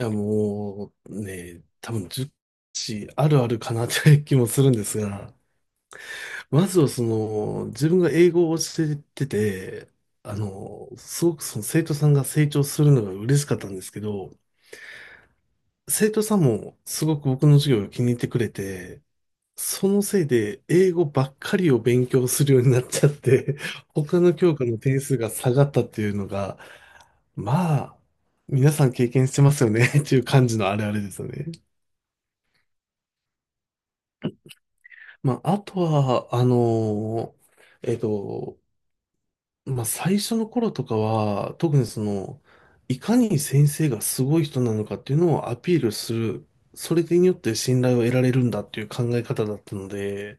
いや、もうね、多分10地あるあるかなって気もするんですが、まずはその、自分が英語を教えてて、すごくその生徒さんが成長するのが嬉しかったんですけど、生徒さんもすごく僕の授業を気に入ってくれて、そのせいで英語ばっかりを勉強するようになっちゃって、他の教科の点数が下がったっていうのが、まあ、皆さん経験してますよねっていう感じのあれですよね。まあ、あとは、ーえっと、まあ、最初の頃とかは、特にその、いかに先生がすごい人なのかっていうのをアピールする、それによって信頼を得られるんだっていう考え方だったので、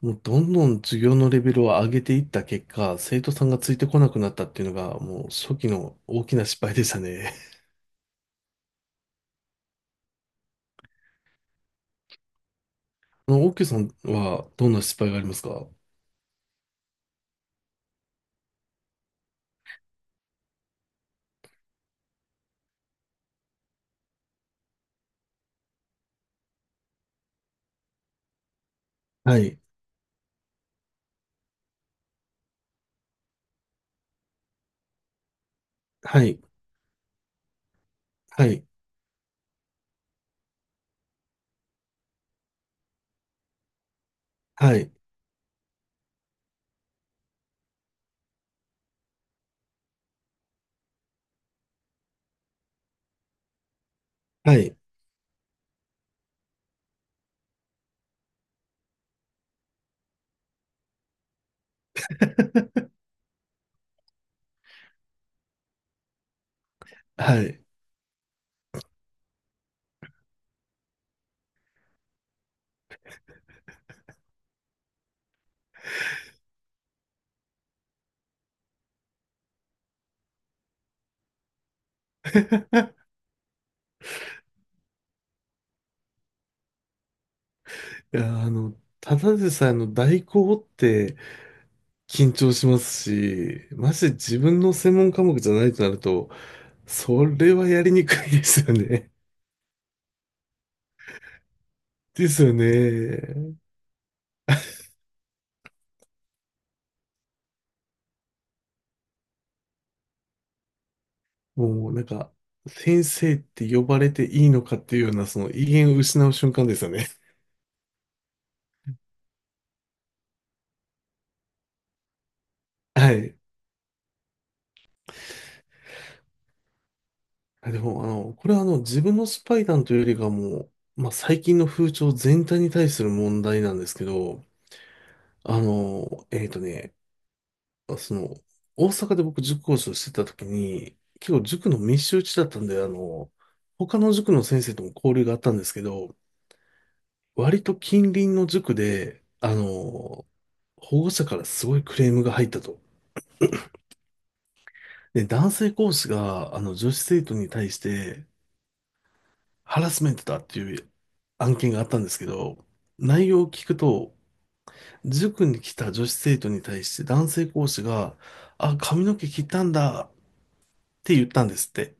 もうどんどん授業のレベルを上げていった結果、生徒さんがついてこなくなったっていうのが、もう初期の大きな失敗でしたね。オッケーさんはどんな失敗がありますか？はい、はい、はい、はい、はい、はい。いや、ただでさえの代行って緊張しますし、まして自分の専門科目じゃないとなると、それはやりにくいですよね。ですよね。もうなんか、先生って呼ばれていいのかっていうような、その威厳を失う瞬間ですよね。はい。あでも、これは自分のスパイ談というよりかはもう、まあ、最近の風潮全体に対する問題なんですけど、あの、えっとね、その、大阪で僕塾講師をしてた時に、結構塾の密集地だったんで、他の塾の先生とも交流があったんですけど、割と近隣の塾で、保護者からすごいクレームが入ったと。で、男性講師が、女子生徒に対してハラスメントだっていう案件があったんですけど、内容を聞くと、塾に来た女子生徒に対して男性講師が、あ、髪の毛切ったんだって言ったんですって。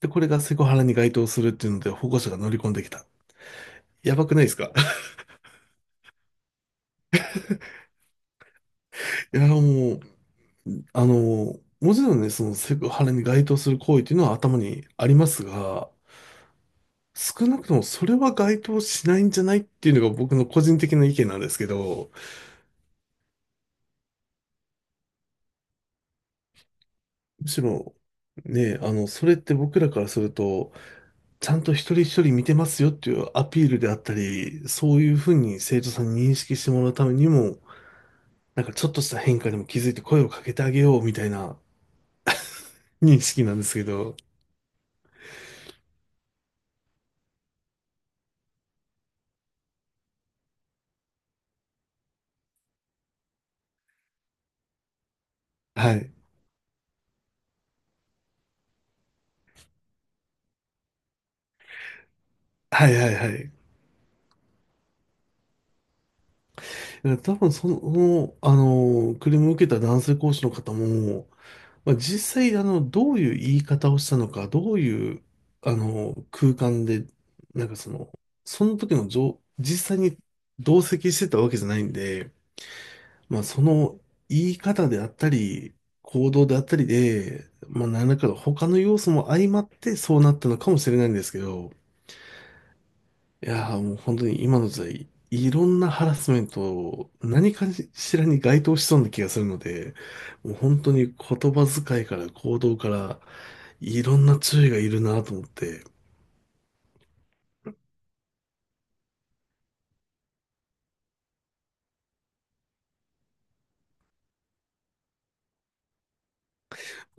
で、これがセクハラに該当するっていうので、保護者が乗り込んできた。やばくないですか？ いや、もう、もちろんね、そのセクハラに該当する行為っていうのは頭にありますが、少なくともそれは該当しないんじゃないっていうのが僕の個人的な意見なんですけど、むしろ、ね、それって僕らからすると、ちゃんと一人一人見てますよっていうアピールであったり、そういうふうに生徒さんに認識してもらうためにも、なんかちょっとした変化にも気づいて声をかけてあげようみたいな、に好きなんですけど、はい。はいはいはい。多分その、クレームを受けた男性講師の方も、まあ、実際、どういう言い方をしたのか、どういう、空間で、なんかその、その時の状、実際に同席してたわけじゃないんで、まあ、その言い方であったり、行動であったりで、まあ、何らかの他の要素も相まってそうなったのかもしれないんですけど、いやーもう本当に今の時代、いろんなハラスメントを何かしらに該当しそうな気がするので、もう本当に言葉遣いから行動からいろんな注意がいるなと思って、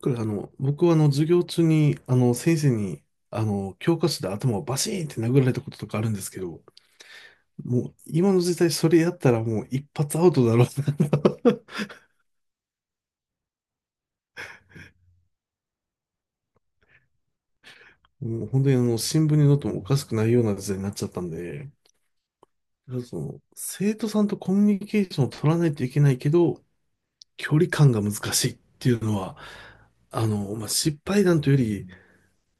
これ僕はあの授業中にあの先生にあの教科書で頭をバシーンって殴られたこととかあるんですけど、もう今の時代それやったらもう一発アウトだろうな。もう本当にあの新聞に載ってもおかしくないような時代になっちゃったんで、だからその、生徒さんとコミュニケーションを取らないといけないけど、距離感が難しいっていうのは、まあ、失敗談というより、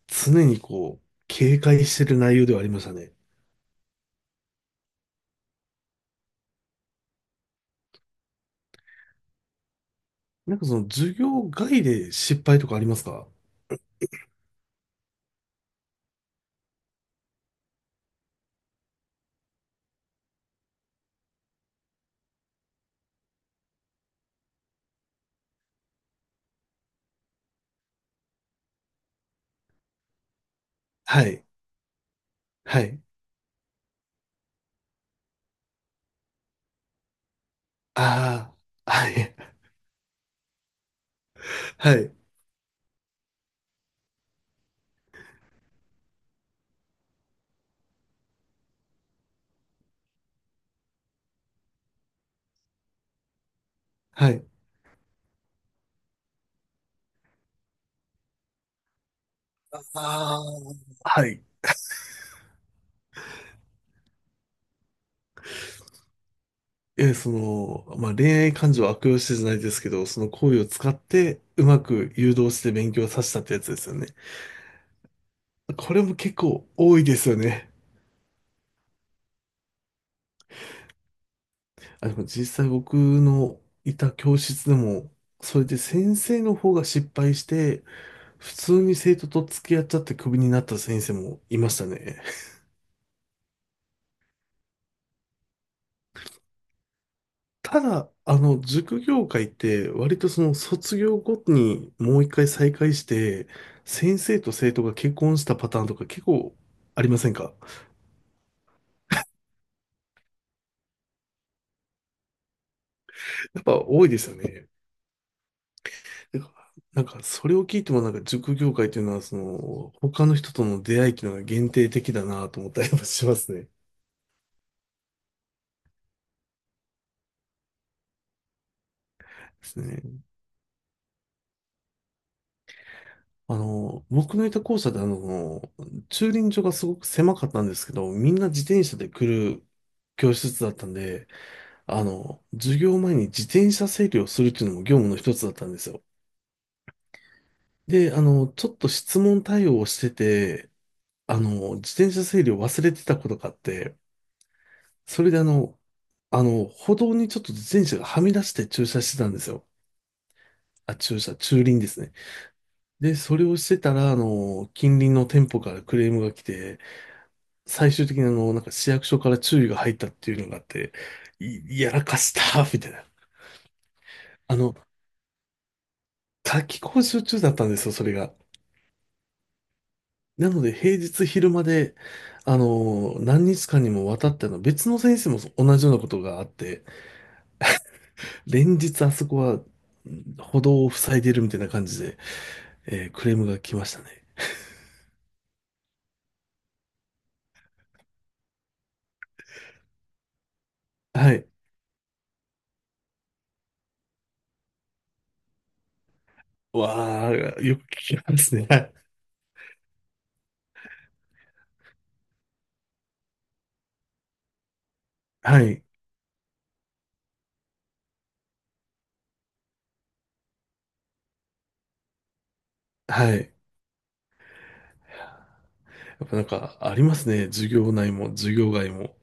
常にこう、警戒してる内容ではありましたね。なんかその、授業外で失敗とかありますか？はい。はい。ああ、はい。はい。はい。ああ、はい。え、その、まあ、恋愛感情を悪用してじゃないですけど、その行為を使って、うまく誘導して勉強させたってやつですよね。これも結構多いですよね。あ、でも実際僕のいた教室でも、それで先生の方が失敗して、普通に生徒と付き合っちゃってクビになった先生もいましたね。ただ、塾業界って割とその卒業後にもう一回再開して、先生と生徒が結婚したパターンとか結構ありませんか？やっぱ多いですよね。てかなんか、それを聞いてもなんか塾業界というのは、その、他の人との出会いっていうのが限定的だなと思ったりもしますね。ですね。僕のいた校舎で駐輪場がすごく狭かったんですけど、みんな自転車で来る教室だったんで、授業前に自転車整理をするっていうのも業務の一つだったんですよ。で、ちょっと質問対応をしてて、自転車整理を忘れてたことがあって、それで歩道にちょっと自転車がはみ出して駐車してたんですよ。あ、駐車、駐輪ですね。で、それをしてたら、近隣の店舗からクレームが来て、最終的になんか市役所から注意が入ったっていうのがあって、いやらかした、みたいな。あの、夏季講習中だったんですよ、それが。なので、平日昼間で、何日間にもわたって、別の先生も同じようなことがあって、連日あそこは歩道を塞いでるみたいな感じで、クレームが来ましたね。はい。わあ、よく聞きますね。はい。はい。はい。やっぱなんか、ありますね。授業内も授業外も。